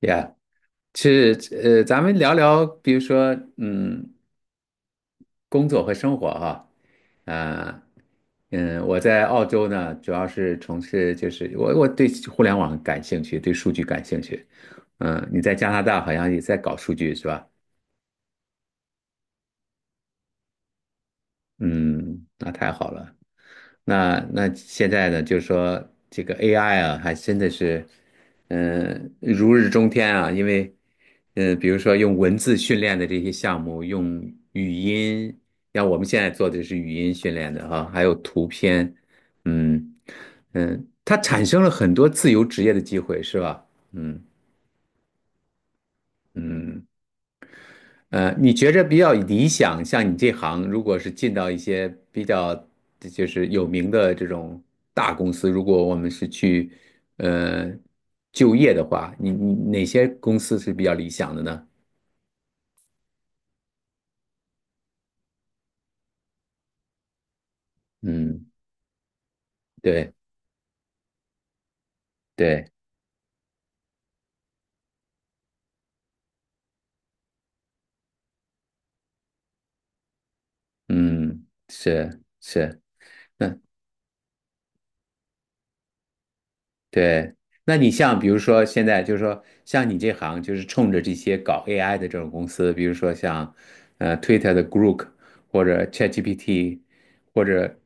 呀，其实咱们聊聊，比如说，工作和生活哈。啊，我在澳洲呢，主要是从事我对互联网感兴趣，对数据感兴趣。嗯，你在加拿大好像也在搞数据是吧？嗯，那太好了。那现在呢，就是说这个 AI 啊，还真的是，如日中天啊。因为，比如说用文字训练的这些项目，用语音，像我们现在做的是语音训练的哈、还有图片。嗯嗯，它产生了很多自由职业的机会，是吧？嗯嗯，呃，你觉着比较理想，像你这行，如果是进到一些比较就是有名的这种大公司，如果我们是去呃就业的话，你哪些公司是比较理想的呢？嗯，对对，嗯，是是。那对，那你像比如说现在就是说像你这行就是冲着这些搞 AI 的这种公司，比如说像Twitter 的 Grok 或者 ChatGPT 或者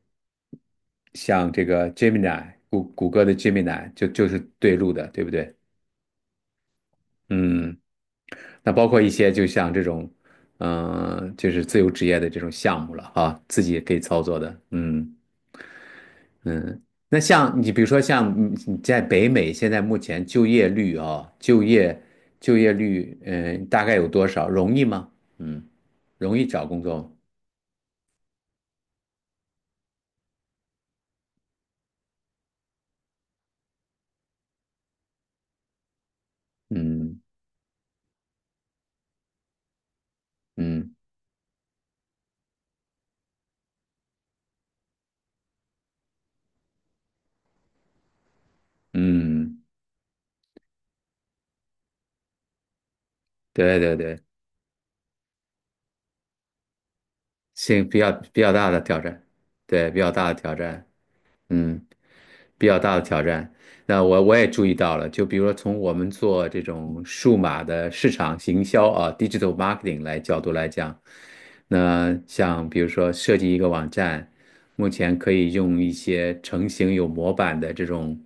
像这个 Gemini 谷歌的 Gemini 就是对路的，对不对？嗯，那包括一些就像这种就是自由职业的这种项目了啊，自己也可以操作的，嗯。那像你比如说像嗯你在北美现在目前就业率大概有多少？容易吗？嗯，容易找工作吗？嗯嗯嗯，对对对，性比较大的挑战，对比较大的挑战，嗯。比较大的挑战。那我也注意到了，就比如说从我们做这种数码的市场行销啊，digital marketing 来角度来讲，那像比如说设计一个网站，目前可以用一些成型有模板的这种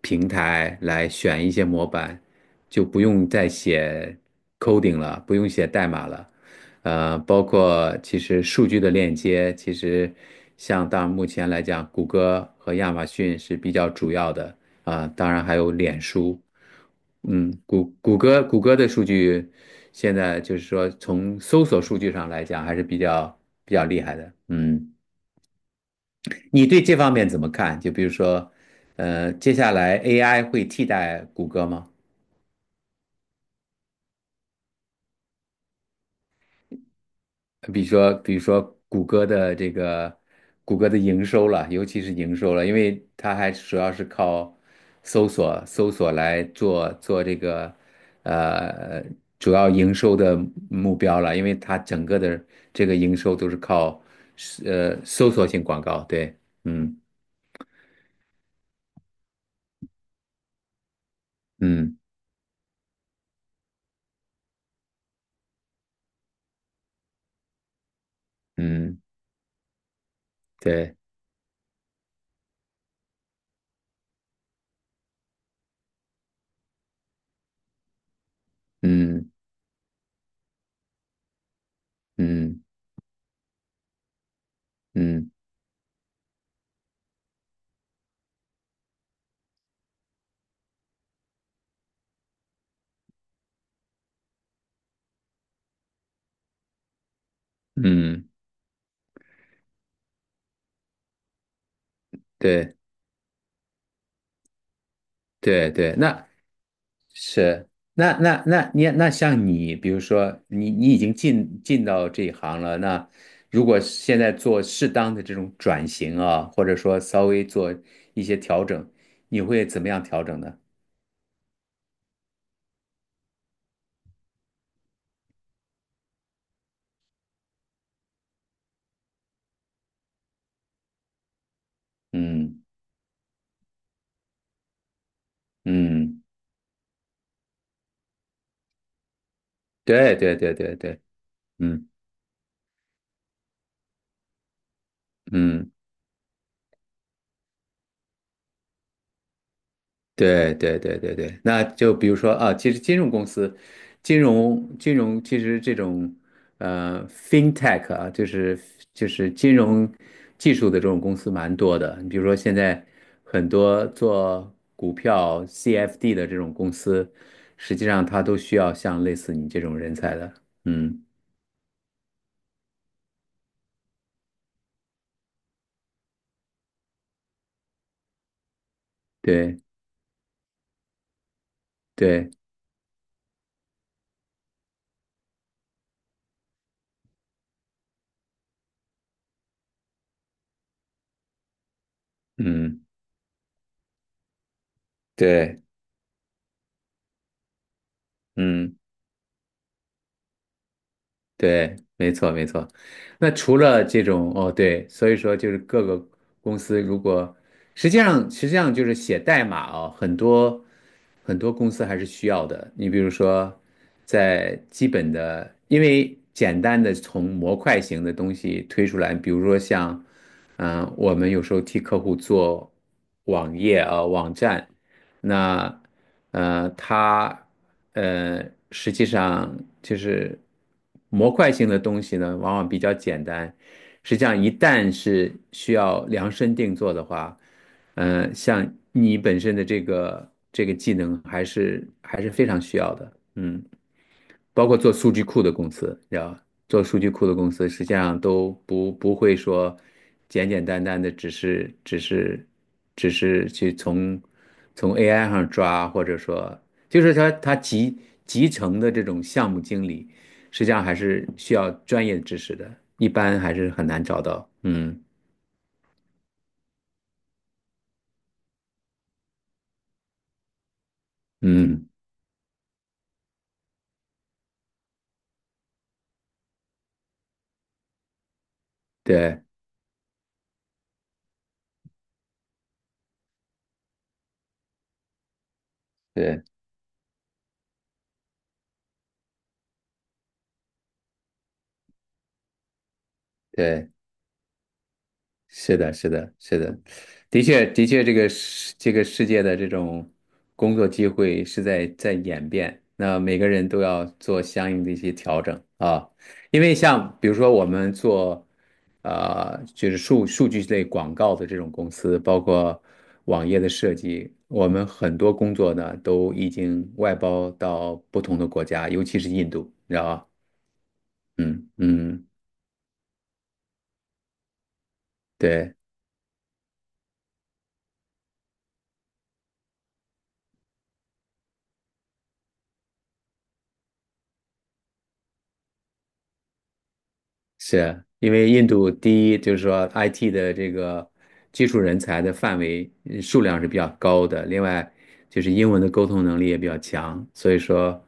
平台来选一些模板，就不用再写 coding 了，不用写代码了。呃，包括其实数据的链接，其实像到目前来讲，谷歌和亚马逊是比较主要的，啊，当然还有脸书。嗯，谷歌的数据现在就是说从搜索数据上来讲还是比较厉害的。嗯，你对这方面怎么看？就比如说，呃，接下来 AI 会替代谷歌吗？比如说，比如说谷歌的这个谷歌的营收了，尤其是营收了，因为它还主要是靠搜索来做这个呃主要营收的目标了，因为它整个的这个营收都是靠搜索性广告。对，嗯嗯嗯，对，嗯嗯嗯嗯，对对对。那是，那那那你那像你，比如说你已经进到这一行了，那如果现在做适当的这种转型啊，或者说稍微做一些调整，你会怎么样调整呢？嗯嗯，对对对对对，嗯嗯。对对对对对，那就比如说啊，其实金融公司，金融其实这种fintech 啊，就是金融技术的这种公司蛮多的。你比如说现在很多做股票 CFD 的这种公司，实际上它都需要像类似你这种人才的。嗯，对对，嗯对，嗯。对，没错没错。那除了这种，哦，对，所以说就是各个公司如果实际上就是写代码哦，很多公司还是需要的。你比如说，在基本的，因为简单的从模块型的东西推出来，比如说像，我们有时候替客户做网页啊、网站。那呃，它呃，实际上就是模块性的东西呢，往往比较简单。实际上，一旦是需要量身定做的话，嗯，像你本身的这个技能，还是非常需要的。嗯，包括做数据库的公司，你做数据库的公司实际上都不会说简简单单的只是去从 AI 上抓，或者说就是说它集成的这种项目经理，实际上还是需要专业知识的，一般还是很难找到。嗯嗯，对对对。是的，是的，是的，的确，的确，这个世界的这种工作机会是在演变，那每个人都要做相应的一些调整啊。因为像比如说我们做，呃，就是数据类广告的这种公司，包括网页的设计，我们很多工作呢都已经外包到不同的国家，尤其是印度，你知道吧？嗯嗯，对。是因为印度第一就是说 IT 的这个技术人才的范围数量是比较高的，另外就是英文的沟通能力也比较强，所以说，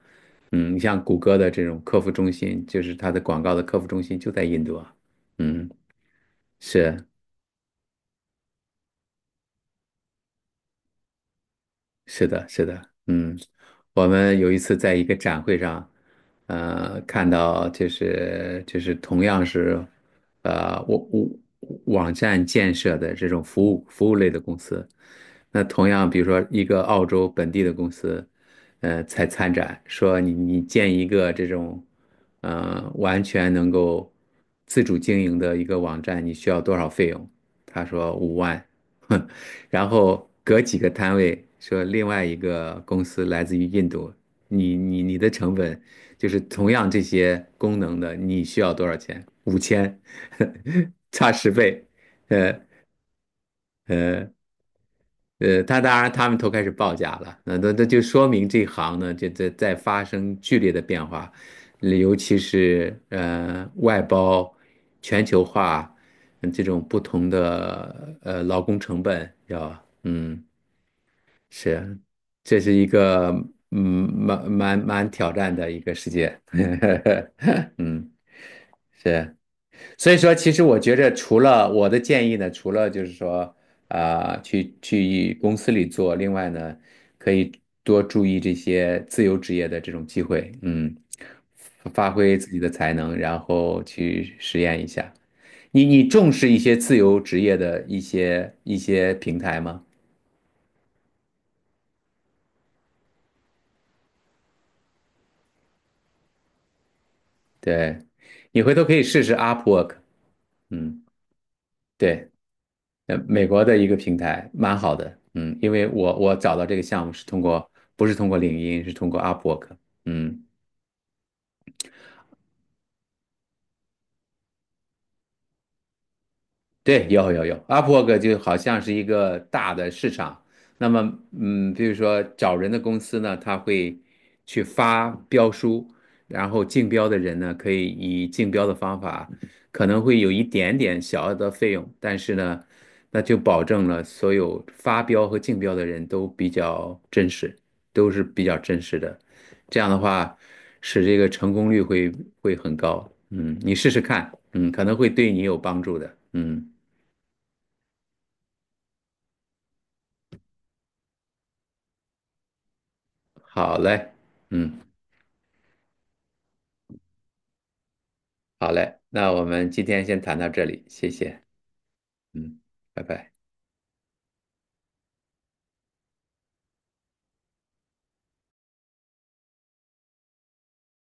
嗯，你像谷歌的这种客服中心，就是它的广告的客服中心就在印度啊。嗯，是。是的，是的，嗯，我们有一次在一个展会上，呃，看到就是同样是，呃，我我网站建设的这种服务类的公司，那同样比如说一个澳洲本地的公司，呃，才参展说你建一个这种，呃，完全能够自主经营的一个网站，你需要多少费用？他说50000。然后隔几个摊位说另外一个公司来自于印度，你的成本就是同样这些功能的，你需要多少钱？5000。差10倍。呃呃他当然他们都开始报价了，那就说明这行呢，这在发生剧烈的变化，尤其是外包、全球化，嗯这种不同的劳工成本要嗯。是，这是一个嗯，蛮挑战的一个世界。嗯，是，所以说，其实我觉着，除了我的建议呢，除了就是说，啊、去公司里做，另外呢，可以多注意这些自由职业的这种机会，嗯，发挥自己的才能，然后去实验一下。你重视一些自由职业的一些平台吗？对，你回头可以试试 Upwork。嗯，对，呃，美国的一个平台蛮好的，嗯，因为我找到这个项目是通过，不是通过领英，是通过 Upwork。嗯，对，有有有，Upwork 就好像是一个大的市场。那么，嗯，比如说找人的公司呢，他会去发标书，然后竞标的人呢，可以以竞标的方法，可能会有一点点小额的费用，但是呢，那就保证了所有发标和竞标的人都比较真实，都是比较真实的。这样的话，使这个成功率会很高。嗯，你试试看，嗯，可能会对你有帮助的。嗯。好嘞，嗯，好嘞，那我们今天先谈到这里，谢谢，嗯，拜拜。